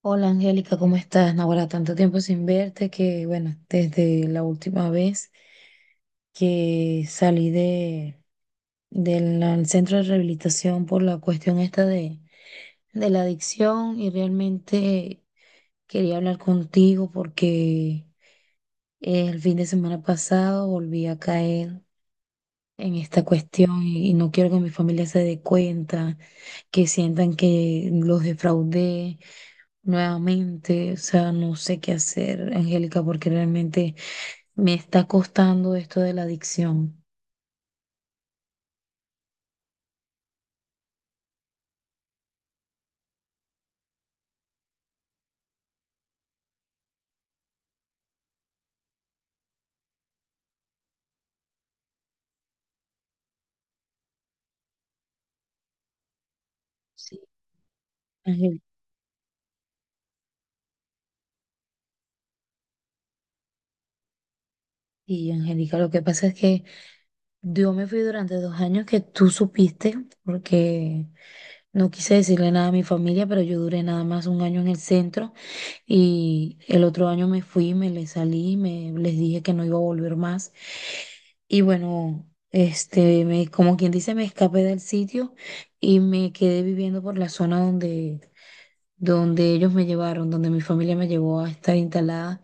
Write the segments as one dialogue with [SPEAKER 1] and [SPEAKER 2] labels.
[SPEAKER 1] Hola Angélica, ¿cómo estás? Ahora tanto tiempo sin verte que, bueno, desde la última vez que salí de, del al centro de rehabilitación por la cuestión esta de la adicción y realmente quería hablar contigo porque el fin de semana pasado volví a caer en esta cuestión y no quiero que mi familia se dé cuenta, que sientan que los defraudé nuevamente. O sea, no sé qué hacer, Angélica, porque realmente me está costando esto de la adicción. Sí. Angel- Y Angélica, lo que pasa es que yo me fui durante 2 años que tú supiste, porque no quise decirle nada a mi familia, pero yo duré nada más 1 año en el centro y el otro año me fui, me les salí, me les dije que no iba a volver más. Y bueno, este, me, como quien dice, me escapé del sitio y me quedé viviendo por la zona donde, donde ellos me llevaron, donde mi familia me llevó a estar instalada.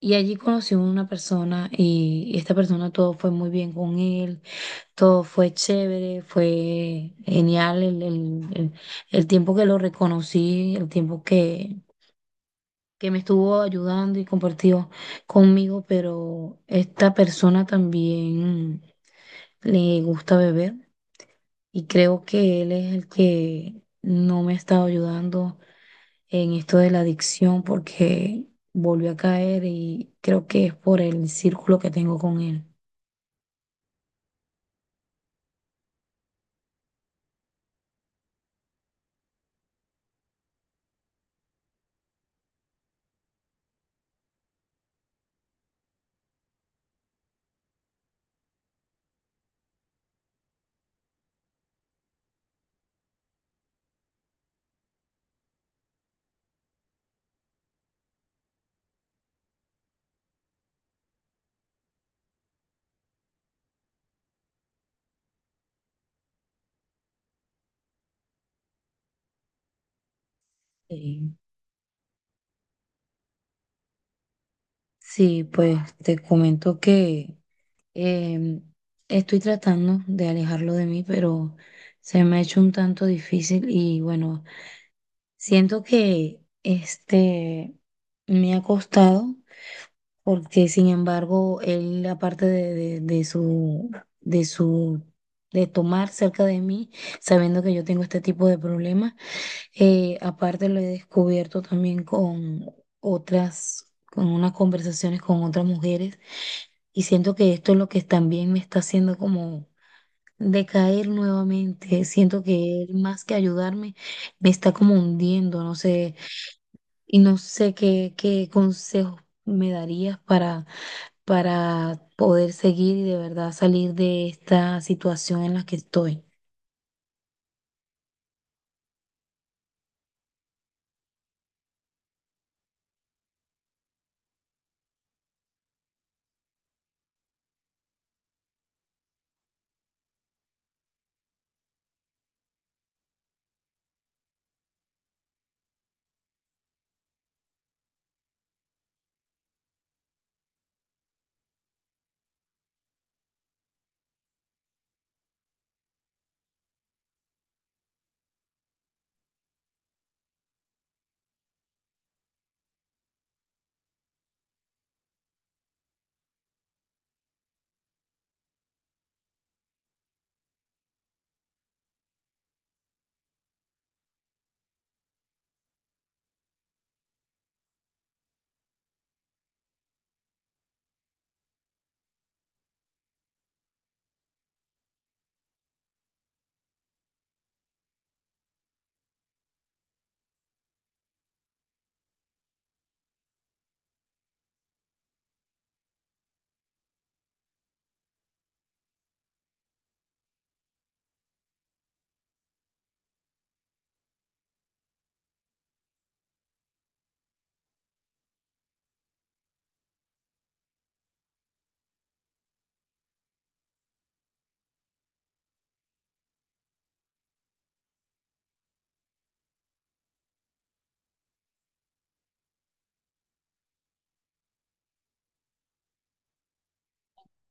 [SPEAKER 1] Y allí conocí a una persona y esta persona todo fue muy bien con él. Todo fue chévere, fue genial el tiempo que lo reconocí, el tiempo que me estuvo ayudando y compartió conmigo, pero esta persona también le gusta beber y creo que él es el que no me ha estado ayudando en esto de la adicción porque volvió a caer y creo que es por el círculo que tengo con él. Sí. Sí, pues te comento que em, estoy tratando de alejarlo de mí, pero se me ha hecho un tanto difícil y bueno, siento que este me ha costado porque sin embargo él aparte de su de su de tomar cerca de mí, sabiendo que yo tengo este tipo de problemas, aparte lo he descubierto también con otras, con unas conversaciones con otras mujeres y siento que esto es lo que también me está haciendo como decaer nuevamente. Siento que él más que ayudarme me está como hundiendo, no sé, y no sé qué consejos me darías para poder seguir y de verdad salir de esta situación en la que estoy.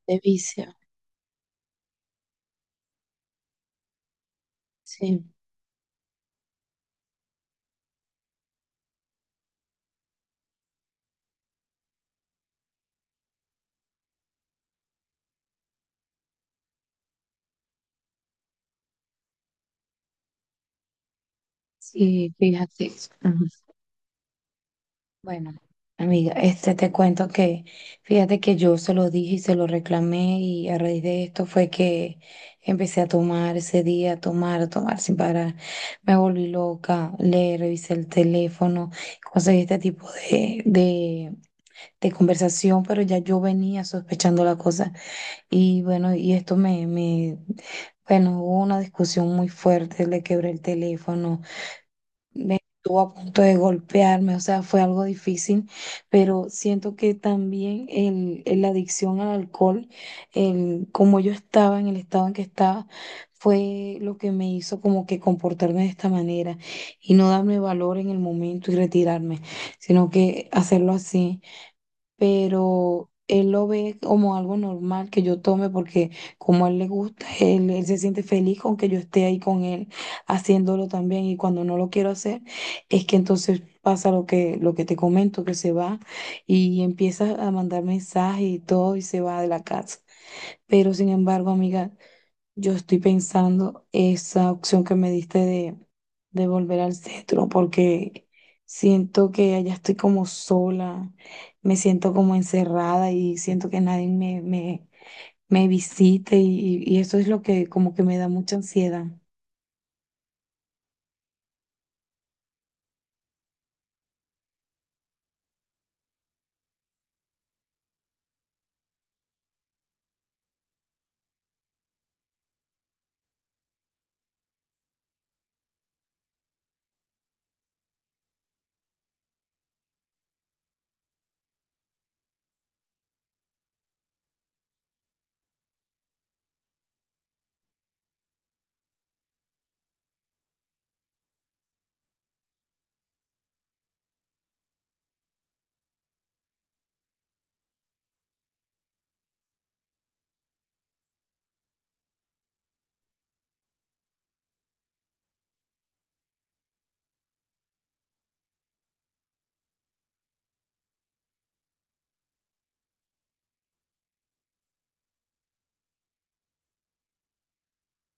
[SPEAKER 1] De vicio, sí, sí, fíjate. Ajá. Bueno, amiga, este te cuento que fíjate que yo se lo dije y se lo reclamé y a raíz de esto fue que empecé a tomar ese día, a tomar sin parar. Me volví loca, le revisé el teléfono, conseguí este tipo de conversación, pero ya yo venía sospechando la cosa y bueno, y esto bueno, hubo una discusión muy fuerte, le quebré el teléfono. Me estuvo a punto de golpearme, o sea, fue algo difícil, pero siento que también la adicción al alcohol, el, como yo estaba en el estado en que estaba, fue lo que me hizo como que comportarme de esta manera y no darme valor en el momento y retirarme, sino que hacerlo así. Pero él lo ve como algo normal que yo tome porque como a él le gusta, él se siente feliz con que yo esté ahí con él haciéndolo también. Y cuando no lo quiero hacer, es que entonces pasa lo que te comento, que se va y empieza a mandar mensajes y todo y se va de la casa. Pero sin embargo, amiga, yo estoy pensando esa opción que me diste de volver al centro, porque siento que allá estoy como sola, me siento como encerrada y siento que nadie me visite y eso es lo que como que me da mucha ansiedad.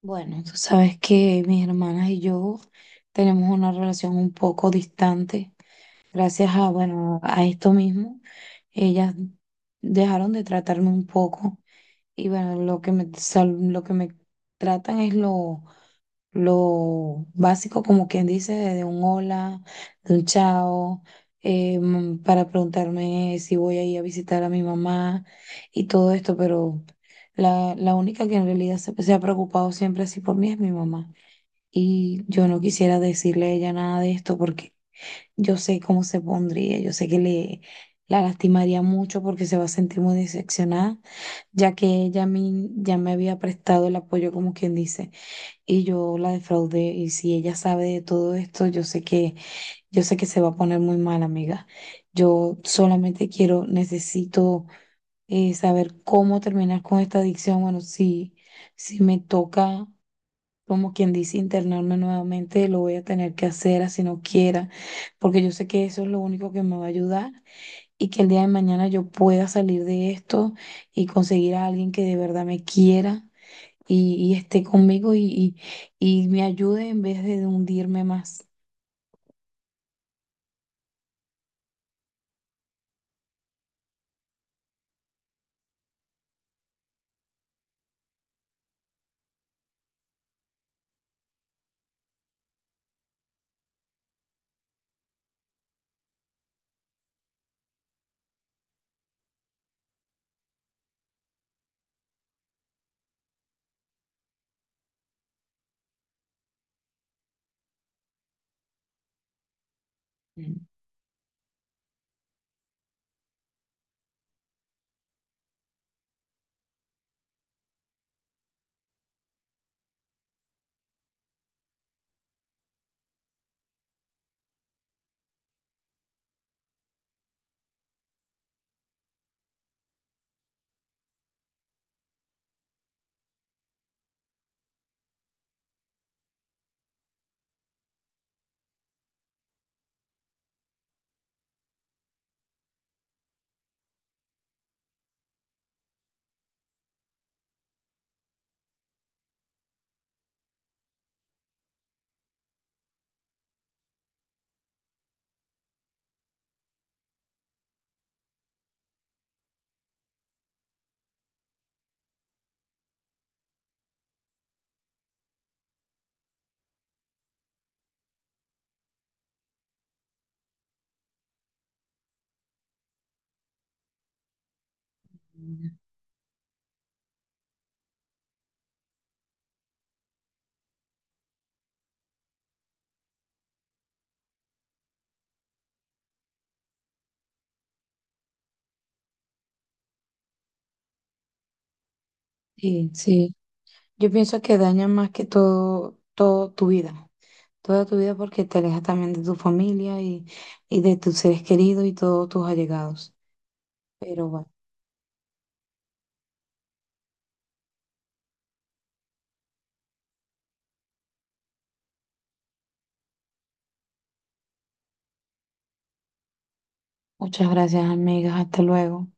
[SPEAKER 1] Bueno, tú sabes que mis hermanas y yo tenemos una relación un poco distante, gracias a, bueno, a esto mismo, ellas dejaron de tratarme un poco. Y bueno, lo que me, lo que me tratan es lo básico, como quien dice, de un hola, de un chao, para preguntarme si voy a ir a visitar a mi mamá y todo esto, pero la única que en realidad se ha preocupado siempre así por mí es mi mamá. Y yo no quisiera decirle a ella nada de esto porque yo sé cómo se pondría, yo sé que le, la lastimaría mucho porque se va a sentir muy decepcionada ya que ella a mí ya me había prestado el apoyo, como quien dice, y yo la defraudé, y si ella sabe de todo esto, yo sé yo sé que se va a poner muy mal, amiga. Yo solamente quiero, necesito saber cómo terminar con esta adicción. Bueno, si, si me toca, como quien dice, internarme nuevamente, lo voy a tener que hacer así no quiera, porque yo sé que eso es lo único que me va a ayudar y que el día de mañana yo pueda salir de esto y conseguir a alguien que de verdad me quiera y esté conmigo y me ayude en vez de hundirme más. Mm. Sí, sí. Yo pienso que daña más que todo, todo tu vida. Toda tu vida porque te alejas también de tu familia y de tus seres queridos y todos tus allegados. Pero bueno, muchas gracias, amigas. Hasta luego.